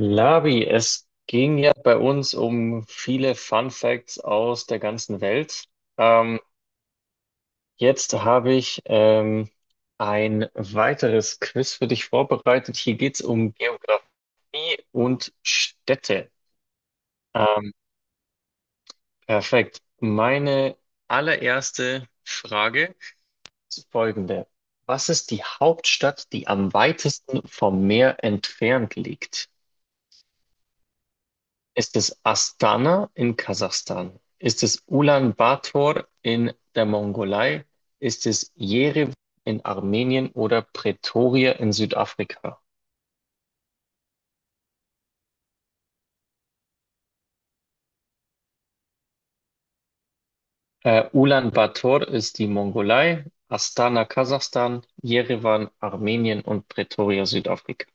Labi, es ging ja bei uns um viele Fun Facts aus der ganzen Welt. Ähm, jetzt habe ich ein weiteres Quiz für dich vorbereitet. Hier geht es um Geografie und Städte. Ähm, perfekt. Meine allererste Frage ist folgende. Was ist die Hauptstadt, die am weitesten vom Meer entfernt liegt? Ist es Astana in Kasachstan? Ist es Ulaanbaatar in der Mongolei? Ist es Jerewan in Armenien oder Pretoria in Südafrika? Ulaanbaatar ist die Mongolei, Astana Kasachstan, Jerewan Armenien und Pretoria Südafrika.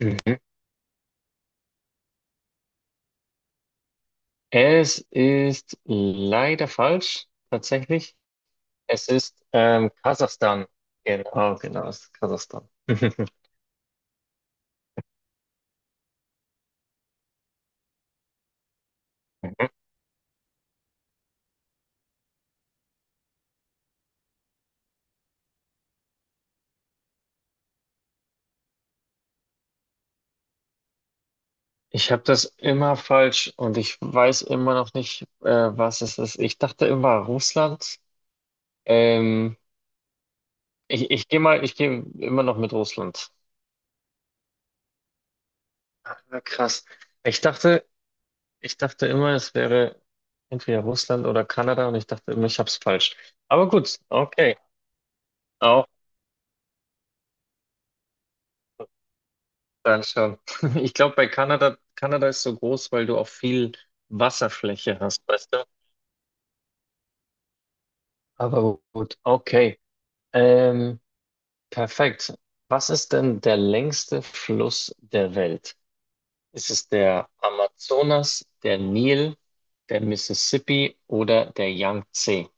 Mhm. Es ist leider falsch, tatsächlich. Es ist Kasachstan. Genau, genau, es ist Kasachstan. Ich habe das immer falsch und ich weiß immer noch nicht, was es ist. Ich dachte immer Russland. Ähm, ich gehe mal, ich gehe immer noch mit Russland. Ah, krass. Ich dachte, ich dachte immer, es wäre entweder Russland oder Kanada und ich dachte immer, ich hab's falsch. Aber gut, okay. Auch dann schon. Ich glaube, bei Kanada, Kanada ist so groß, weil du auch viel Wasserfläche hast, weißt du? Aber gut, okay. Ähm, Perfekt. Was ist denn der längste Fluss der Welt? Ist es der Amazonas, der Nil, der Mississippi oder der Yangtze?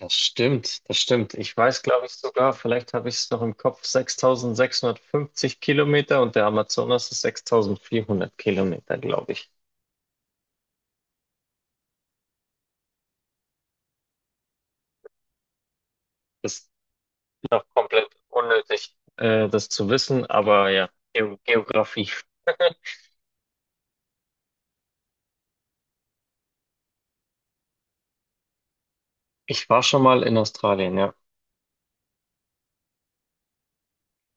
Das stimmt, das stimmt. Ich weiß, glaube ich, sogar, vielleicht habe ich es noch im Kopf, 6.650 Kilometer und der Amazonas ist 6.400 Kilometer, glaube ich. Ist noch komplett unnötig, das zu wissen, aber ja, Geografie. Ich war schon mal in Australien, ja.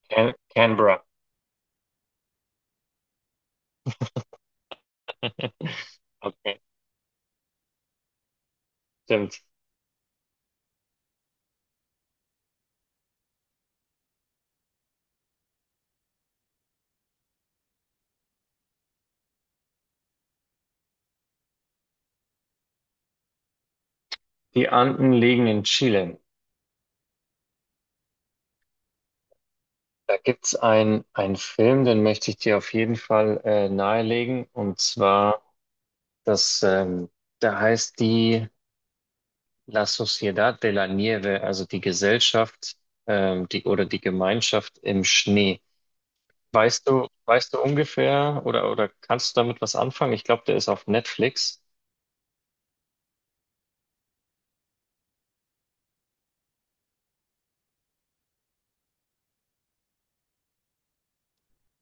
Canberra. Okay, stimmt. Die Anden liegen in Chile. Da gibt's einen Film, den möchte ich dir auf jeden Fall nahelegen. Und zwar, das, da heißt die La Sociedad de la Nieve, also die Gesellschaft die, oder die Gemeinschaft im Schnee. Weißt du ungefähr oder kannst du damit was anfangen? Ich glaube, der ist auf Netflix.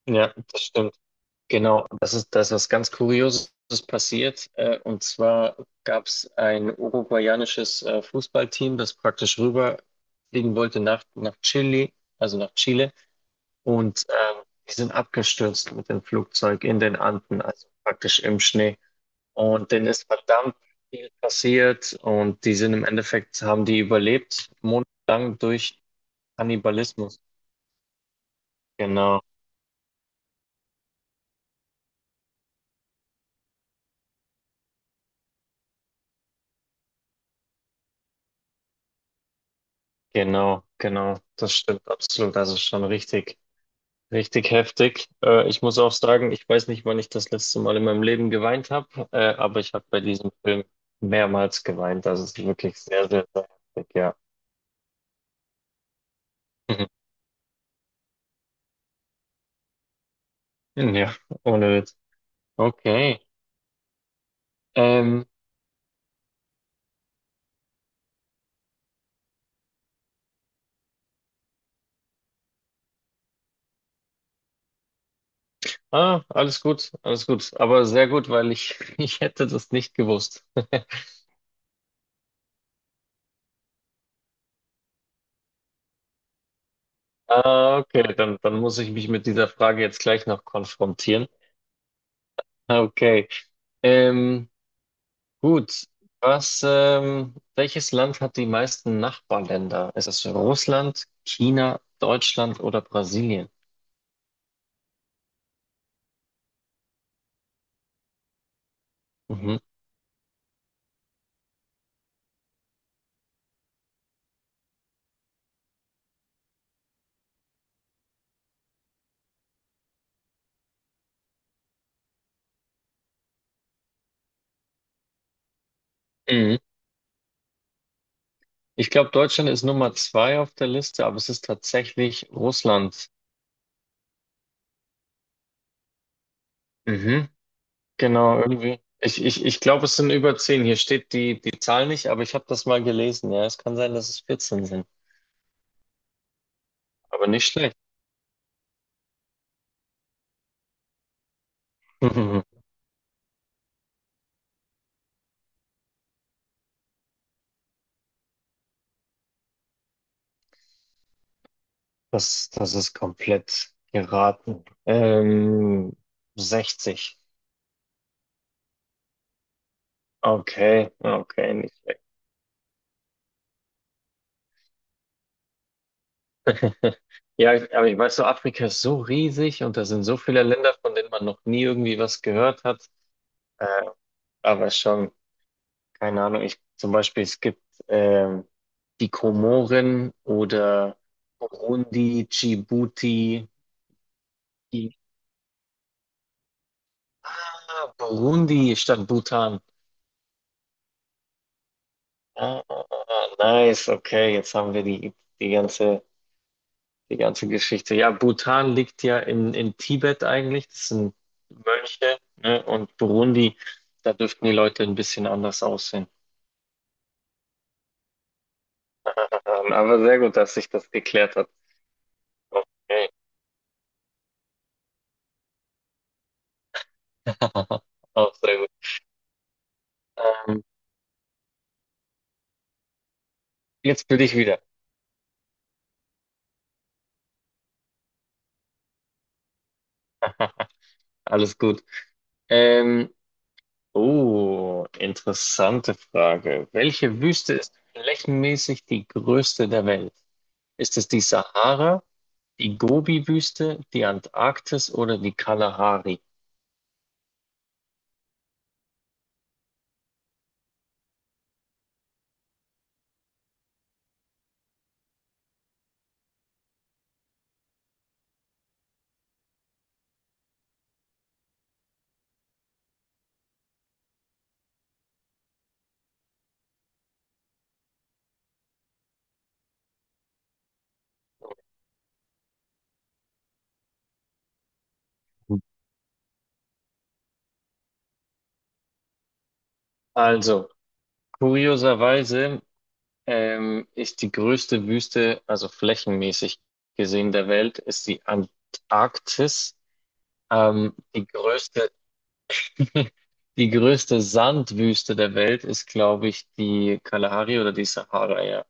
Ja, das stimmt. Genau, das ist, da ist was ganz Kurioses passiert. Und zwar gab es ein uruguayanisches Fußballteam, das praktisch rüberfliegen wollte nach Chile, also nach Chile. Und die sind abgestürzt mit dem Flugzeug in den Anden, also praktisch im Schnee. Und denen ist verdammt viel passiert. Und die sind im Endeffekt, haben die überlebt, monatelang durch Kannibalismus. Genau, genau, genau. Das stimmt absolut. Das ist schon richtig. Richtig heftig. Ich muss auch sagen, ich weiß nicht, wann ich das letzte Mal in meinem Leben geweint habe, aber ich habe bei diesem Film mehrmals geweint. Das ist wirklich sehr, sehr, sehr heftig, ja. Ja, ohne Witz. Okay. Ähm, ah, alles gut, alles gut. Aber sehr gut, weil ich, ich hätte das nicht gewusst. Ah, okay, dann, dann muss ich mich mit dieser Frage jetzt gleich noch konfrontieren. Okay. Ähm, Gut, was, welches Land hat die meisten Nachbarländer? Ist es Russland, China, Deutschland oder Brasilien? Mhm. Mhm. Ich glaube, Deutschland ist Nummer zwei auf der Liste, aber es ist tatsächlich Russland. Mhm. Genau, irgendwie. Ich glaube, es sind über 10. Hier steht die, die Zahl nicht, aber ich habe das mal gelesen. Ja, es kann sein, dass es 14 sind. Aber nicht schlecht. Das, das ist komplett geraten. 60. Okay, okay, nicht. Ja, ich- aber ich weiß so, Afrika ist so riesig und da sind so viele Länder, von denen man noch nie irgendwie was gehört hat. Äh, aber schon, keine Ahnung. Ich, zum Beispiel, es gibt ähm, die Komoren oder Burundi, Djibouti. Die- Ah, Burundi statt Bhutan. Ah, ah, ah, ah, nice, okay, jetzt haben wir die, die ganze die ganze Geschichte. Ja, Bhutan liegt ja in Tibet eigentlich. Das sind Mönche, ne? Und Burundi, da dürften die Leute ein bisschen anders aussehen. Aber sehr gut, dass sich das geklärt hat. Okay. Auch sehr gut. Ähm, jetzt bin ich wieder. Alles gut. Ähm, oh, interessante Frage. Welche Wüste ist flächenmäßig die größte der Welt? Ist es die Sahara, die Gobi-Wüste, die Antarktis oder die Kalahari? Also, kurioserweise ist die größte Wüste, also flächenmäßig gesehen der Welt, ist die Antarktis. Die größte, die größte Sandwüste der Welt ist, glaube ich, die Kalahari oder die Sahara, ja.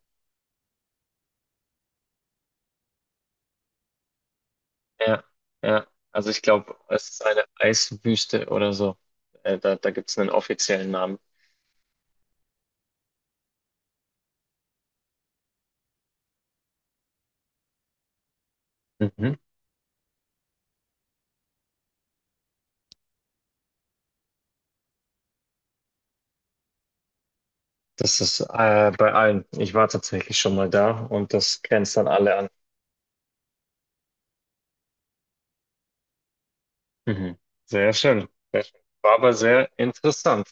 Ja, ja. Also ich glaube, es ist eine Eiswüste oder so. Da gibt es einen offiziellen Namen. Mhm. Das ist bei allen. Ich war tatsächlich schon mal da und das grenzt dann alle an. Mhm. Sehr schön. Sehr schön. War aber sehr interessant.